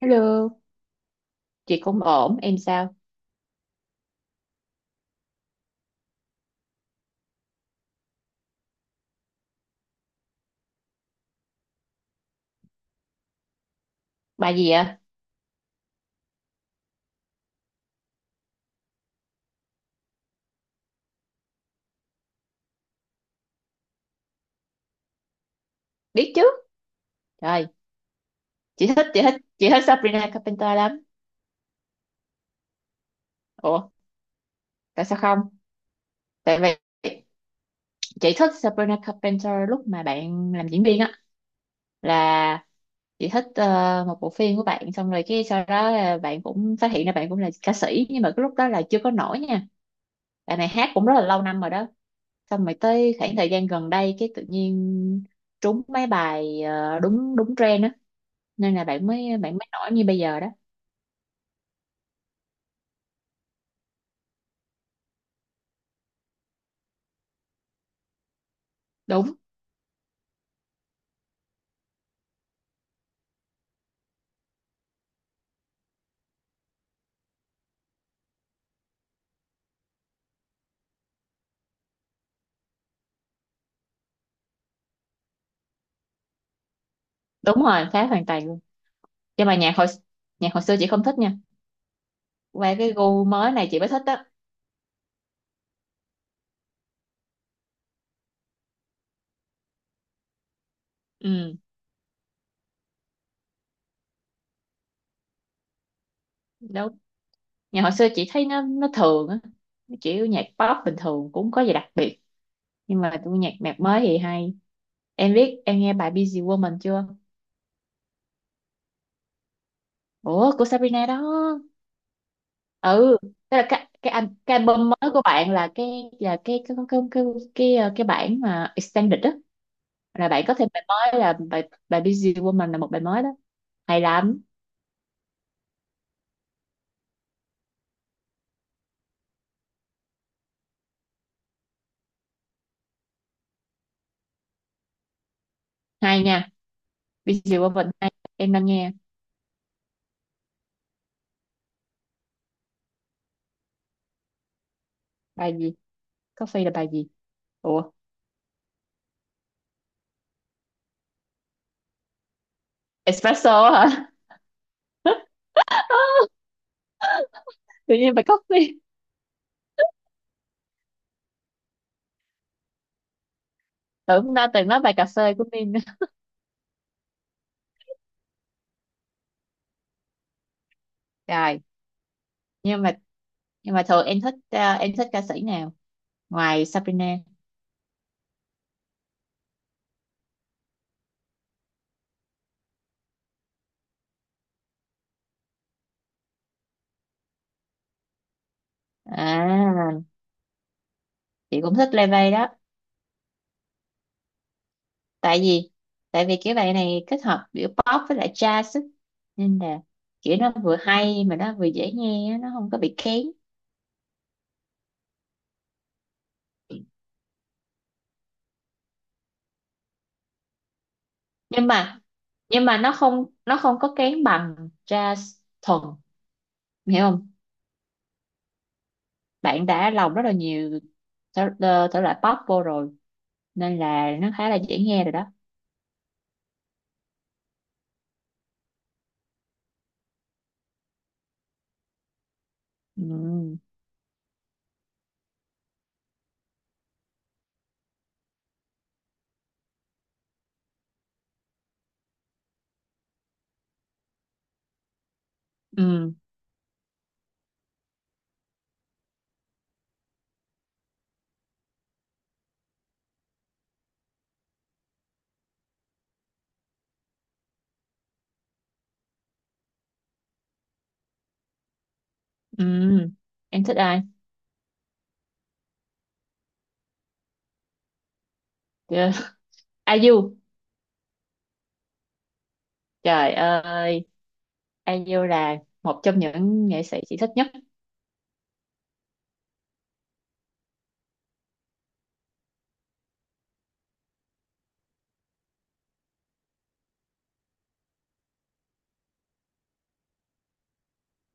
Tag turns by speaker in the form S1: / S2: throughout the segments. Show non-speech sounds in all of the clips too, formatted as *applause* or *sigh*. S1: Hello, chị cũng ổn, em sao? Bài gì ạ? Biết chứ? Trời, chị thích Sabrina Carpenter lắm. Ủa, tại sao không? Tại vì chị thích Sabrina Carpenter lúc mà bạn làm diễn viên á, là chị thích một bộ phim của bạn, xong rồi cái sau đó là bạn cũng phát hiện ra bạn cũng là ca sĩ, nhưng mà cái lúc đó là chưa có nổi nha. Bạn này hát cũng rất là lâu năm rồi đó. Xong rồi tới khoảng thời gian gần đây, cái tự nhiên trúng mấy bài đúng đúng trend á, nên là bạn mới nổi như bây giờ đó. Đúng đúng rồi, khác hoàn toàn luôn, nhưng mà nhạc hồi xưa chị không thích nha, qua cái gu mới này chị mới thích á. Ừ, đúng, nhạc hồi xưa chị thấy nó thường á, nó kiểu nhạc pop bình thường cũng có gì đặc biệt, nhưng mà tôi nhạc nhạc mới thì hay. Em biết em nghe bài Busy Woman chưa? Ủa, của Sabrina đó. Ừ, tức là cái album mới của bạn là là cái cái cái cái cái, cái bản mà extended đó, là bạn có thêm bài mới, là bài bài Busy Woman, là một bài mới đó, hay lắm, hay nha. Bây giờ qua vịnh hay em đang nghe bài gì? Coffee là bài gì? Ủa, espresso hả? *laughs* Tự nhiên bài coffee. Tưởng đã từng nói bài cà phê của mình. Rồi, nhưng mà nhưng mà thường em thích, à, em thích ca sĩ nào ngoài Sabrina? À, chị cũng thích Lê Vây đó. Tại vì tại vì cái bài này kết hợp giữa pop với lại jazz á. Nên là kiểu nó vừa hay mà nó vừa dễ nghe á, nó không có bị kén. Nhưng mà nhưng mà nó không có kén bằng jazz thuần, em hiểu không? Bạn đã lồng rất là nhiều thể loại pop vô rồi, nên là nó khá là dễ nghe rồi đó. Ừ, ừ, ừ. Em thích ai? Chưa. IU. *laughs* Trời ơi, IU là một trong những nghệ sĩ chị thích nhất.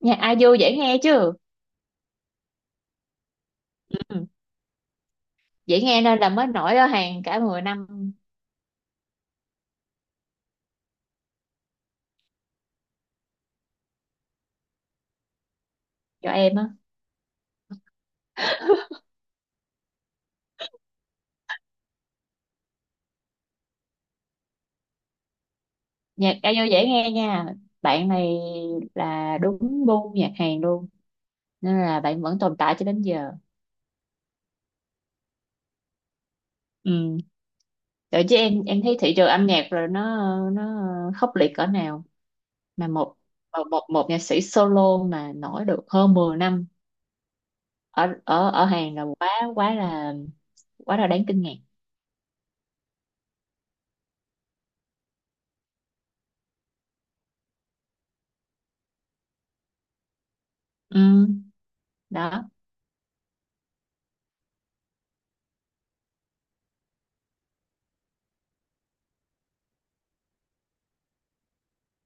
S1: Nhạc IU dễ nghe chứ. Ừ, dễ nghe nên là mới nổi ở hàng cả 10 năm. Cho em á, nhạc IU dễ nghe nha, bạn này là đúng gu nhạc Hàn luôn, nên là bạn vẫn tồn tại cho đến giờ. Ừ. Vậy chứ em thấy thị trường âm nhạc rồi nó khốc liệt cỡ nào, mà một một một nhạc sĩ solo mà nổi được hơn 10 năm ở ở ở Hàn là quá quá là quá là đáng kinh ngạc. Ừ, đó.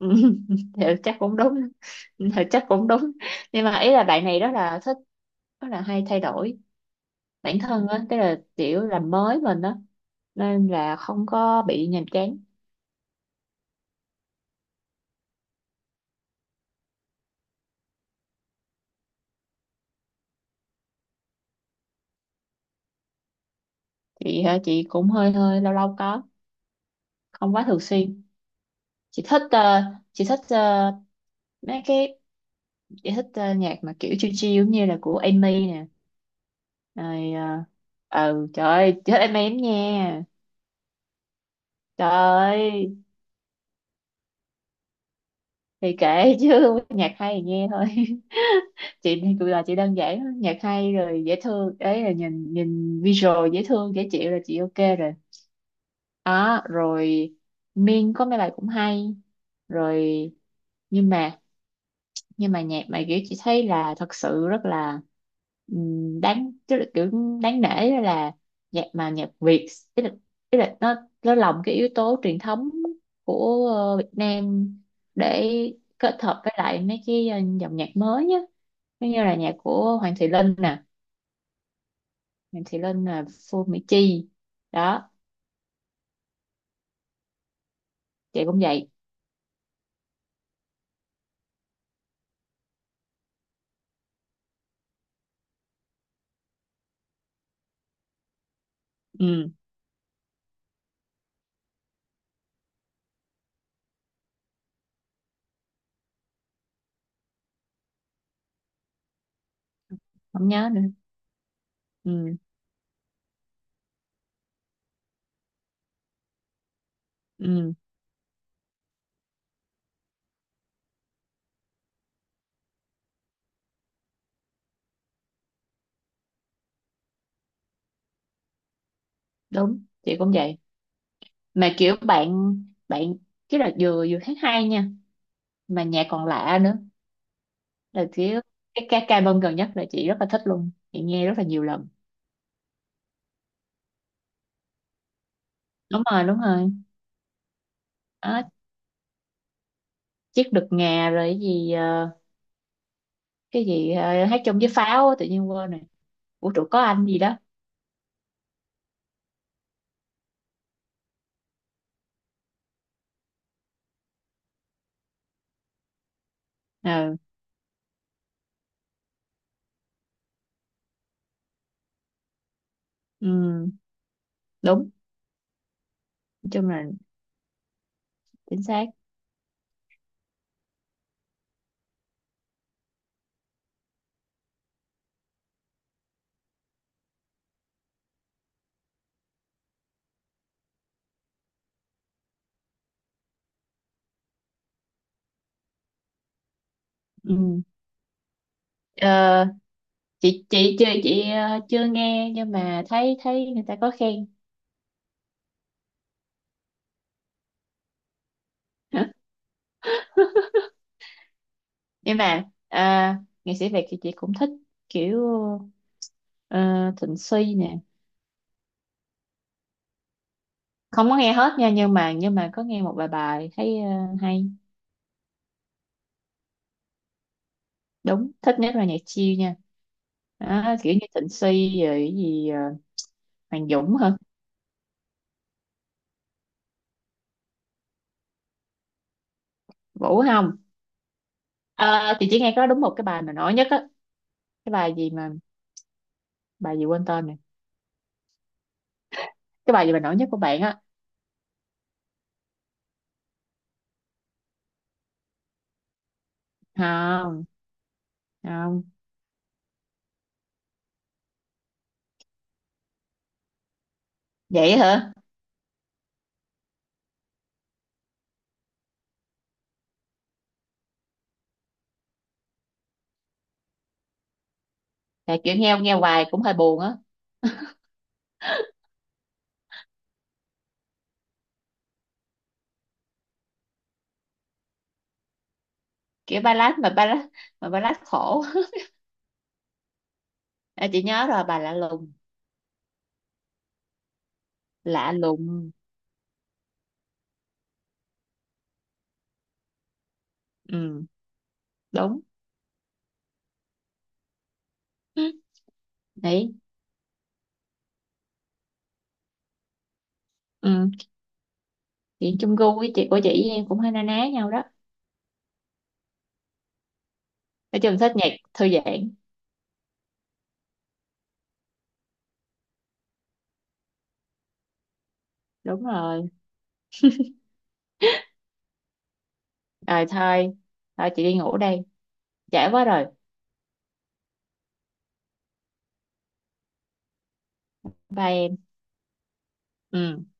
S1: Ừ, *laughs* thì chắc cũng đúng. Thì chắc cũng đúng. Nhưng mà ý là bạn này rất là thích, rất là hay thay đổi bản thân á, tức là kiểu làm mới mình á, nên là không có bị nhàm chán. Chị hả? Chị cũng hơi hơi lâu lâu có, không quá thường xuyên. chị thích ờ, chị thích ờ, mấy cái chị thích nhạc mà kiểu chill chill giống như là của Amy nè, rồi ừ, trời ơi chị thích Amy lắm nha, trời ơi, thì kể chứ, *laughs* nhạc hay thì nghe thôi. *laughs* Chị thì cũng là chị đơn giản lắm. Nhạc hay rồi dễ thương đấy, là nhìn nhìn visual dễ thương dễ chịu là chị ok rồi. Đó rồi, Min có mấy bài cũng hay rồi, nhưng mà, nhưng mà nhạc mà kiểu chị thấy là thật sự rất là, đáng, tức là kiểu đáng nể đó, là nhạc mà nhạc Việt, tức là, tức là nó lồng cái yếu tố truyền thống của Việt Nam, để kết hợp với lại mấy cái dòng nhạc mới á. Giống như là nhạc của Hoàng Thị Linh nè. Hoàng Thị Linh là Phương Mỹ Chi đó. Chị cũng vậy. Ừ, không nhớ nữa. Ừ, ừ, đúng. Chị cũng vậy, mà kiểu bạn bạn chứ, là vừa vừa hát hay nha, mà nhạc còn lạ nữa, là kiểu cái ca bông gần nhất là chị rất là thích luôn, chị nghe rất là nhiều lần. Đúng rồi, đúng rồi. Đó, chiếc đực ngà, rồi cái gì, hát chung với pháo á, tự nhiên quên rồi. Vũ trụ có anh gì đó. Ờ, ừ, đúng, nói chung là chính xác. Ừ. Ờ, chị chưa nghe nhưng mà thấy thấy người ta có khen. *laughs* Nhưng mà nghệ sĩ Việt thì chị cũng thích kiểu ờ, Thịnh Suy nè, không có nghe hết nha, nhưng mà có nghe một vài bài thấy hay. Đúng, thích nhất là nhạc chill nha. Đó, kiểu như Thịnh Suy, rồi cái gì, Hoàng Dũng hả? Vũ không? Ờ, thì chỉ nghe có đúng một cái bài mà nổi nhất á, cái bài gì mà, bài gì quên tên nè, cái bài gì mà nổi nhất của bạn á. Không, không. Vậy hả? Là kiểu nghe nghe hoài cũng hơi buồn á. *laughs* Kiểu ballad, mà ballad, mà ballad khổ. À, chị nhớ rồi, bài lạ lùng, lạ lùng. Ừ, đúng đấy. Ừ, chị chung gu với chị của chị em cũng hay na ná nhau đó. Nói chung thích nhạc thư giãn. Đúng rồi, rồi thôi, thôi chị đi ngủ đây, trễ quá rồi. Bye em. Ừ.